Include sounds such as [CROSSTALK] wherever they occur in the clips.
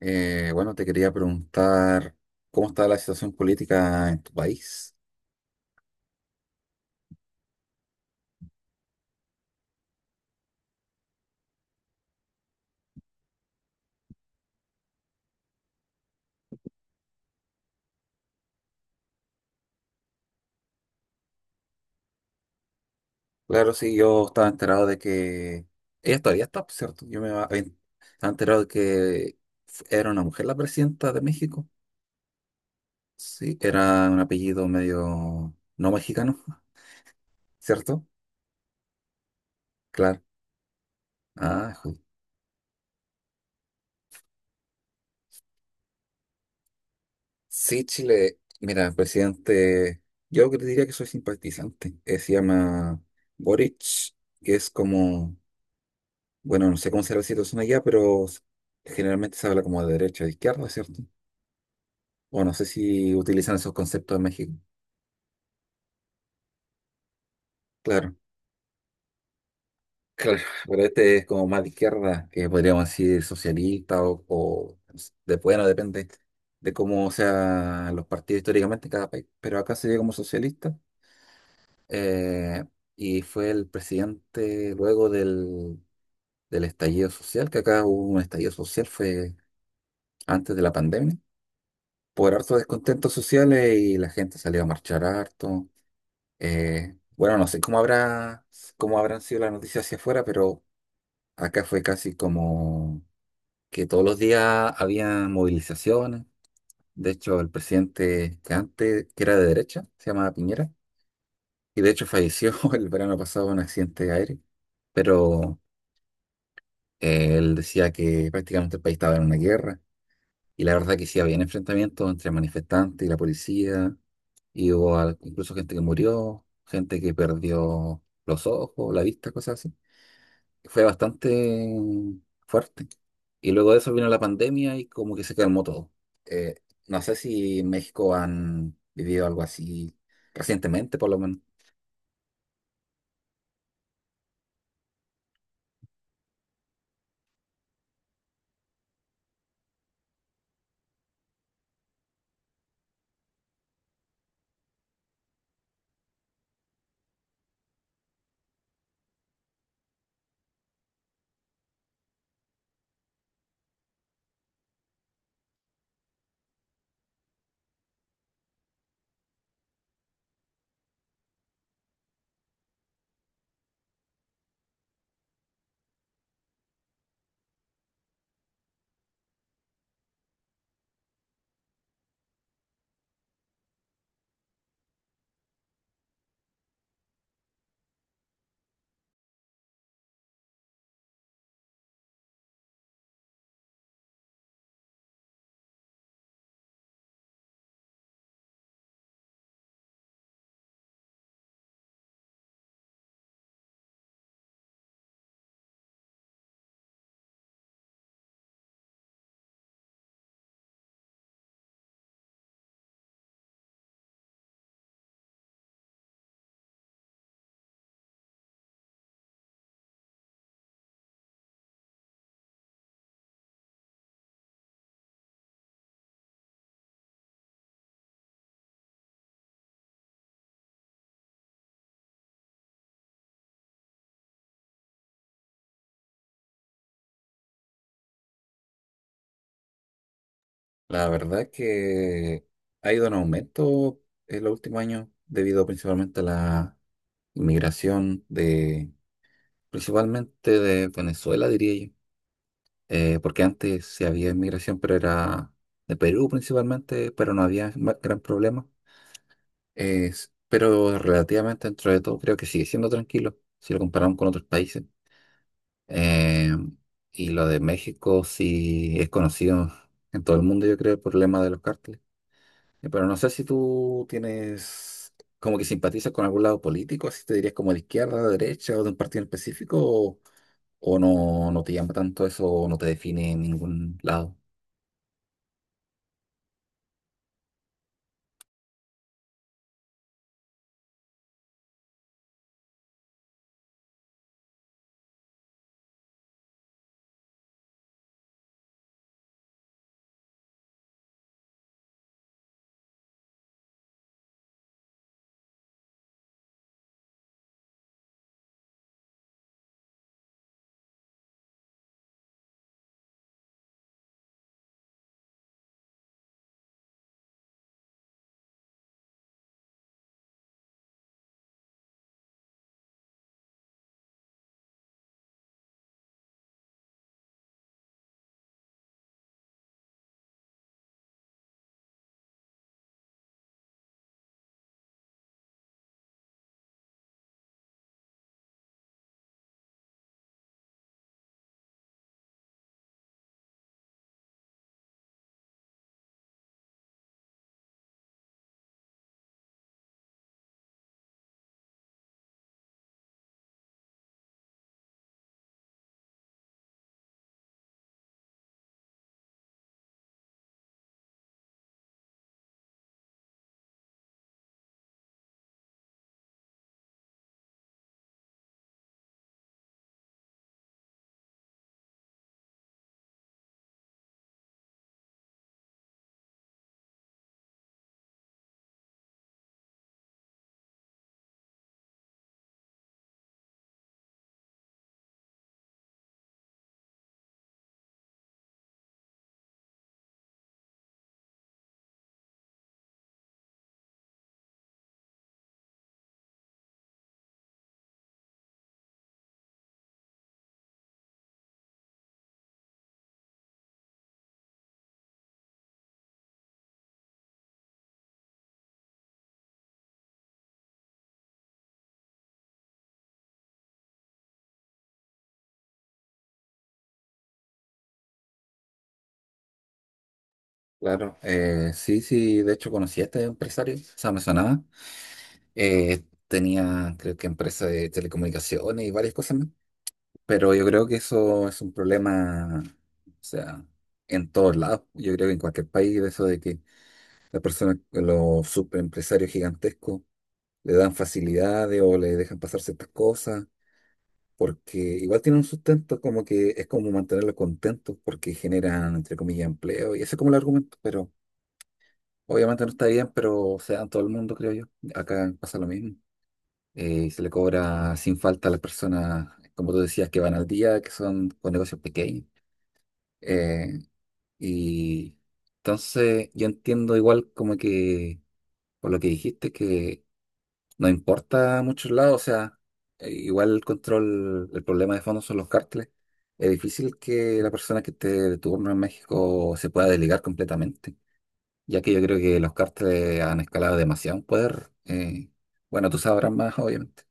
Bueno, Te quería preguntar cómo está la situación política en tu país. Claro, sí, yo estaba enterado de que ella todavía está, ¿por cierto? Estaba enterado de que era una mujer la presidenta de México. Sí, era un apellido medio no mexicano, [LAUGHS] ¿cierto? Claro. Ah, ju- sí, Chile. Mira, presidente, yo que te diría que soy simpatizante. Se llama Boric, que es como... Bueno, no sé cómo será la situación allá, pero generalmente se habla como de derecha o de izquierda, ¿cierto? O no sé si utilizan esos conceptos en México. Claro, claro, [LAUGHS] pero este es como más de izquierda, que podríamos decir socialista o de... bueno, depende de cómo sean los partidos históricamente en cada país. Pero acá se ve como socialista, eh, y fue el presidente luego del, del estallido social, que acá hubo un estallido social, fue antes de la pandemia por harto descontentos sociales y la gente salió a marchar harto. Bueno, no sé cómo habrá, cómo habrán sido las noticias hacia afuera, pero acá fue casi como que todos los días había movilizaciones. De hecho, el presidente que antes, que era de derecha, se llamaba Piñera, y de hecho falleció [LAUGHS] el verano pasado en un accidente aéreo, pero él decía que prácticamente el país estaba en una guerra. Y la verdad que sí había enfrentamientos entre manifestantes y la policía, y hubo incluso gente que murió, gente que perdió los ojos, la vista, cosas así. Fue bastante fuerte. Y luego de eso vino la pandemia y como que se calmó todo. Eh, no sé si en México han vivido algo así recientemente, por lo menos. La verdad es que ha ido en aumento en los últimos años debido principalmente a la inmigración de... principalmente de Venezuela, diría yo. Porque antes sí había inmigración, pero era de Perú principalmente, pero no había gran problema. Pero relativamente dentro de todo creo que sigue siendo tranquilo si lo comparamos con otros países. Eh, y lo de México sí es conocido en todo el mundo, yo creo, el problema de los cárteles. Pero no sé si tú tienes como que simpatizas con algún lado político, si te dirías como de izquierda, de derecha o de un partido en específico o no, no te llama tanto eso, o no te define en ningún lado. Claro, sí, sí, de hecho conocí a este empresario, o sea, me sonaba. Tenía, creo que empresa de telecomunicaciones y varias cosas más, pero yo creo que eso es un problema, o sea, en todos lados. Yo creo que en cualquier país, eso de que las personas, los superempresarios gigantescos, le dan facilidades o le dejan pasar ciertas cosas porque igual tienen un sustento, como que es como mantenerlos contentos porque generan, entre comillas, empleo, y ese es como el argumento, pero obviamente no está bien, pero se da en todo el mundo, creo yo. Acá pasa lo mismo. Se le cobra sin falta a las personas, como tú decías, que van al día, que son con negocios pequeños. Eh, y entonces yo entiendo igual como que, por lo que dijiste, que no importa a muchos lados, o sea, igual el control, el problema de fondo son los cárteles. Es difícil que la persona que esté de turno en México se pueda desligar completamente, ya que yo creo que los cárteles han escalado demasiado en poder. Bueno, tú sabrás más, obviamente.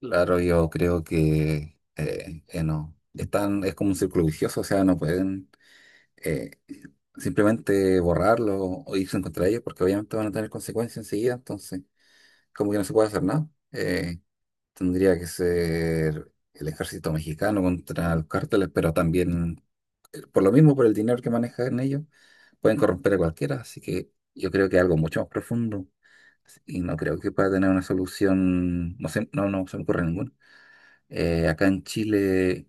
Claro, yo creo que no. Están, es como un círculo vicioso, o sea, no pueden eh, simplemente borrarlo o irse en contra de ellos, porque obviamente van a tener consecuencias enseguida, entonces, como que no se puede hacer nada. Eh, Tendría que ser el ejército mexicano contra los cárteles, pero también, por lo mismo, por el dinero que manejan ellos, pueden corromper a cualquiera. Así que yo creo que es algo mucho más profundo y no creo que pueda tener una solución. No sé, no, no se me ocurre ninguna. Acá en Chile,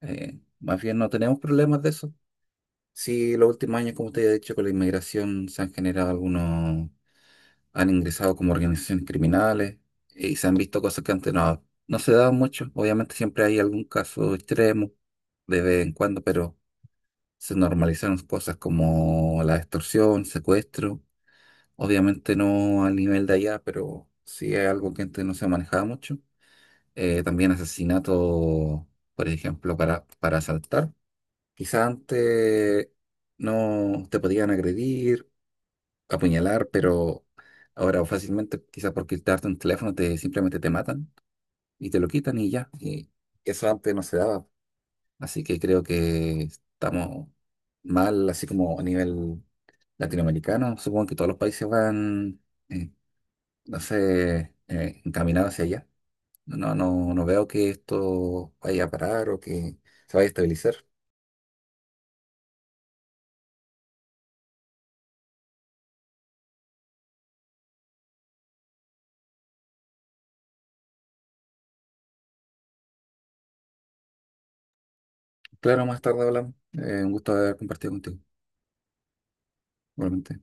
más bien no tenemos problemas de eso. Sí, los últimos años, como te he dicho, con la inmigración se han generado algunos... han ingresado como organizaciones criminales, y se han visto cosas que antes no, no se daban mucho. Obviamente siempre hay algún caso extremo de vez en cuando, pero se normalizaron cosas como la extorsión, secuestro. Obviamente no al nivel de allá, pero sí es algo que antes no se manejaba mucho. También asesinato, por ejemplo, para asaltar. Quizás antes no te podían agredir, apuñalar, pero ahora fácilmente, quizás por quitarte un teléfono, te, simplemente te matan y te lo quitan y ya. Y eso antes no se daba. Así que creo que estamos mal, así como a nivel latinoamericano. Supongo que todos los países van, eh, no sé, encaminados hacia allá. No, no, no veo que esto vaya a parar o que se vaya a estabilizar. Claro, más tarde hablamos. Un gusto haber compartido contigo, igualmente.